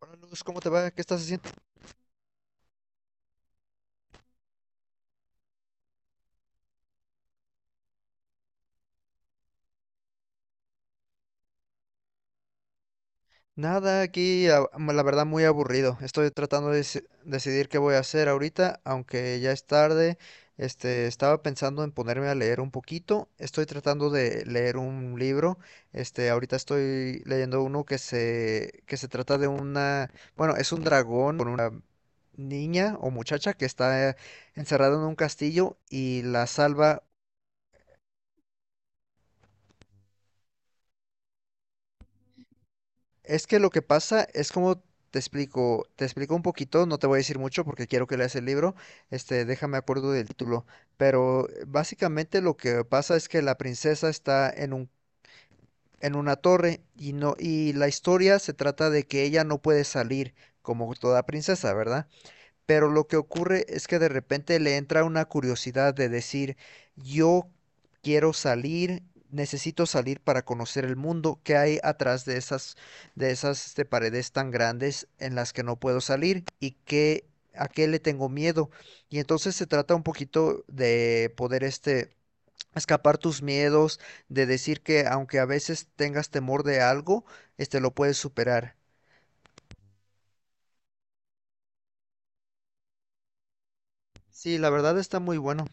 Hola Luz, ¿cómo te va? ¿Qué estás haciendo? Nada, aquí la verdad muy aburrido. Estoy tratando de decidir qué voy a hacer ahorita, aunque ya es tarde. Estaba pensando en ponerme a leer un poquito. Estoy tratando de leer un libro. Ahorita estoy leyendo uno que se trata de una, bueno, es un dragón con una niña o muchacha que está encerrada en un castillo y la salva. Es que lo que pasa es como te explico un poquito, no te voy a decir mucho porque quiero que leas el libro, este, déjame acuerdo del título, pero básicamente lo que pasa es que la princesa está en un, en una torre y no, y la historia se trata de que ella no puede salir como toda princesa, ¿verdad? Pero lo que ocurre es que de repente le entra una curiosidad de decir, yo quiero salir, necesito salir para conocer el mundo que hay atrás de esas paredes tan grandes en las que no puedo salir y que, a qué le tengo miedo. Y entonces se trata un poquito de poder escapar tus miedos, de decir que aunque a veces tengas temor de algo, este lo puedes superar. Sí, la verdad está muy bueno.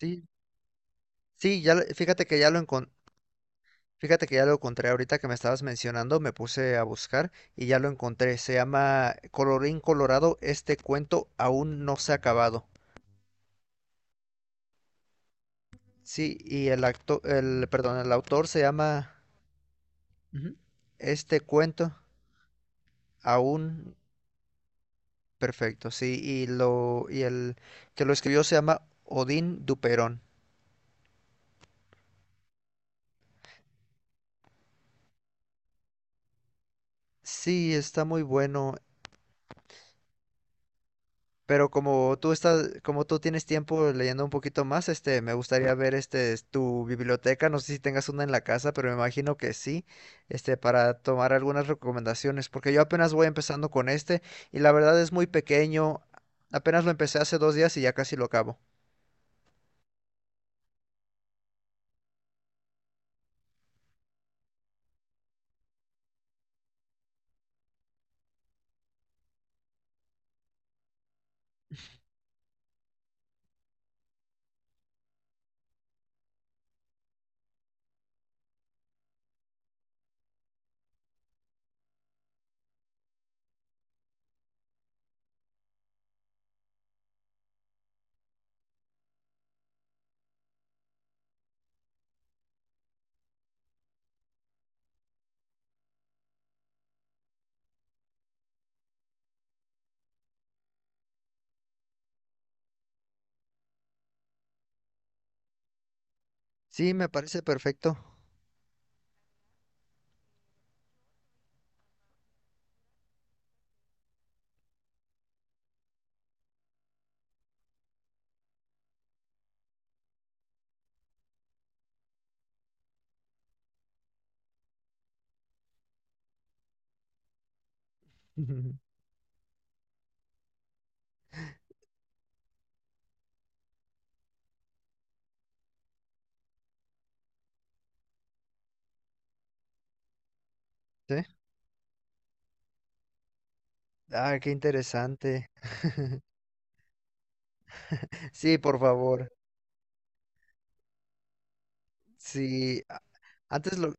Sí, sí, fíjate que ya lo encontré. Fíjate que ya lo encontré ahorita que me estabas mencionando, me puse a buscar y ya lo encontré. Se llama Colorín Colorado, este cuento aún no se ha acabado. Sí, y perdón, el autor se llama ujú. Este cuento aún perfecto. Sí, y el que lo escribió se llama Odín Duperón. Sí, está muy bueno. Pero como tú estás, como tú tienes tiempo leyendo un poquito más, este, me gustaría ver este es tu biblioteca. No sé si tengas una en la casa, pero me imagino que sí, este, para tomar algunas recomendaciones, porque yo apenas voy empezando con este y la verdad es muy pequeño. Apenas lo empecé hace dos días y ya casi lo acabo. Sí, me parece perfecto. ¿Sí? Ah, qué interesante. Sí, por favor. Sí, antes lo,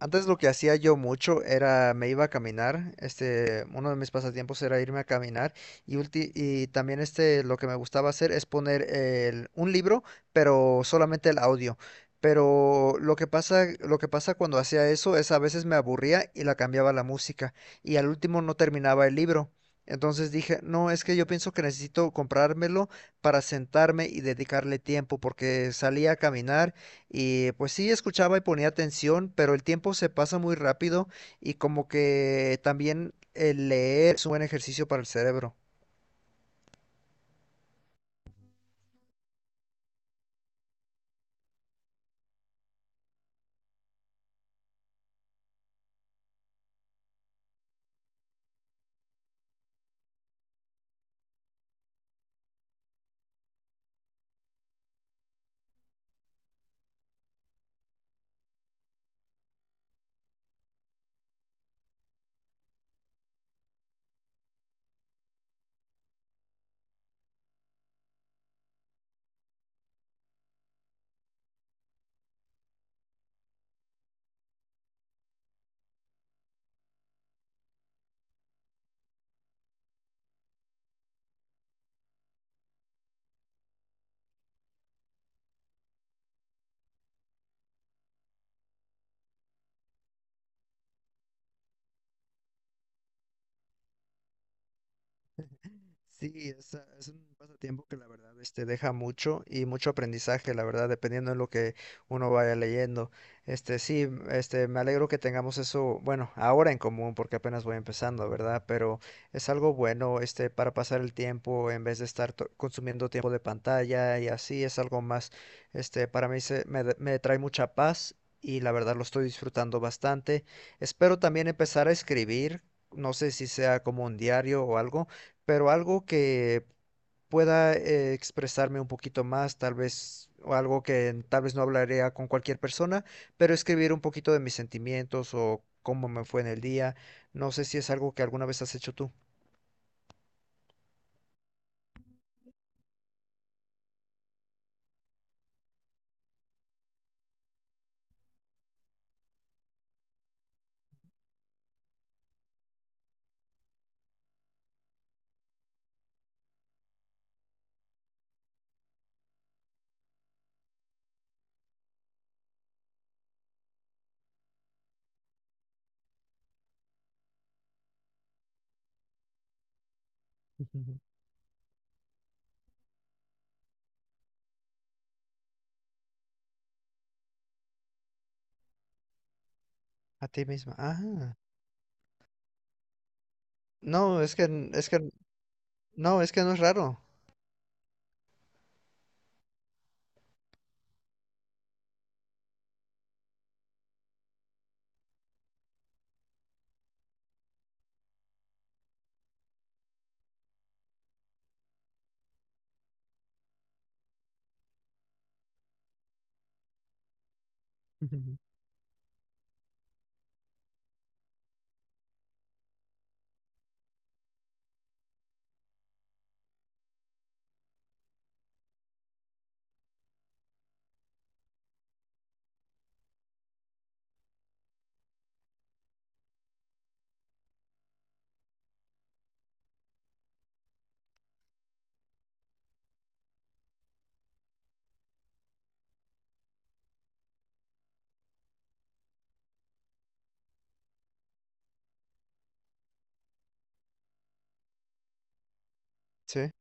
Antes lo que hacía yo mucho era me iba a caminar, este, uno de mis pasatiempos era irme a caminar y, y también este lo que me gustaba hacer es poner un libro, pero solamente el audio. Pero lo que pasa cuando hacía eso es a veces me aburría y la cambiaba la música y al último no terminaba el libro. Entonces dije, no, es que yo pienso que necesito comprármelo para sentarme y dedicarle tiempo porque salía a caminar y pues sí, escuchaba y ponía atención, pero el tiempo se pasa muy rápido y como que también el leer es un buen ejercicio para el cerebro. Sí, es, ah, es un pasatiempo que la verdad este, deja mucho y mucho aprendizaje, la verdad, dependiendo de lo que uno vaya leyendo. Este, sí, este, me alegro que tengamos eso, bueno, ahora en común, porque apenas voy empezando, ¿verdad? Pero es algo bueno, este, para pasar el tiempo en vez de estar consumiendo tiempo de pantalla y así, es algo más, este, para mí me trae mucha paz y la verdad lo estoy disfrutando bastante. Espero también empezar a escribir, no sé si sea como un diario o algo, pero algo que pueda expresarme un poquito más, tal vez, o algo que tal vez no hablaría con cualquier persona, pero escribir un poquito de mis sentimientos o cómo me fue en el día. No sé si es algo que alguna vez has hecho tú. Ujú. A ti misma. Ah, no, es que, es que, no, es que no es raro. Ujú. Sí.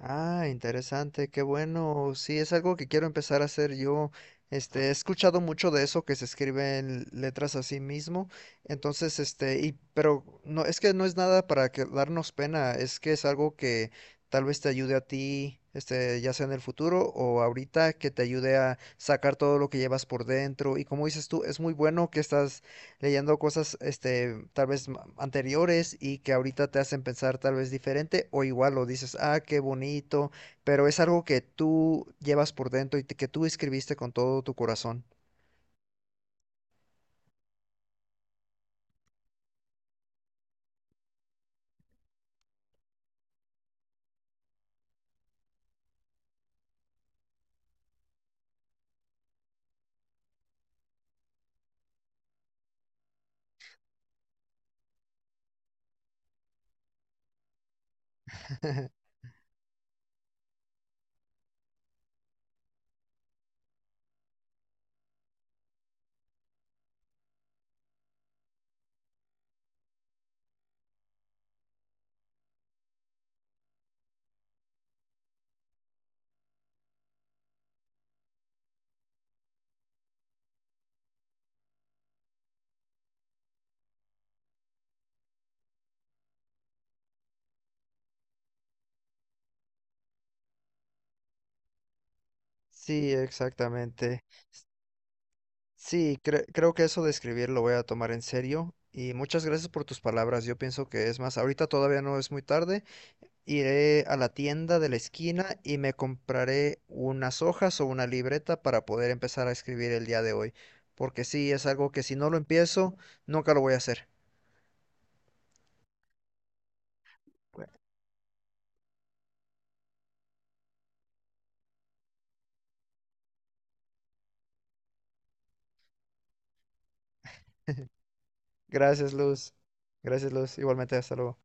Ah, interesante, qué bueno. Sí, es algo que quiero empezar a hacer yo. Este, he escuchado mucho de eso que se escribe en letras a sí mismo. Entonces, este, y pero no es que no es nada para que darnos pena, es que es algo que tal vez te ayude a ti, este, ya sea en el futuro o ahorita que te ayude a sacar todo lo que llevas por dentro. Y como dices tú, es muy bueno que estás leyendo cosas, este, tal vez anteriores y que ahorita te hacen pensar tal vez diferente o igual lo dices, ah, qué bonito, pero es algo que tú llevas por dentro y que tú escribiste con todo tu corazón. Sí, exactamente. Sí, creo que eso de escribir lo voy a tomar en serio. Y muchas gracias por tus palabras. Yo pienso que es más, ahorita todavía no es muy tarde. Iré a la tienda de la esquina y me compraré unas hojas o una libreta para poder empezar a escribir el día de hoy, porque sí, es algo que si no lo empiezo, nunca lo voy a hacer. Gracias, Luz. Gracias, Luz. Igualmente, hasta luego.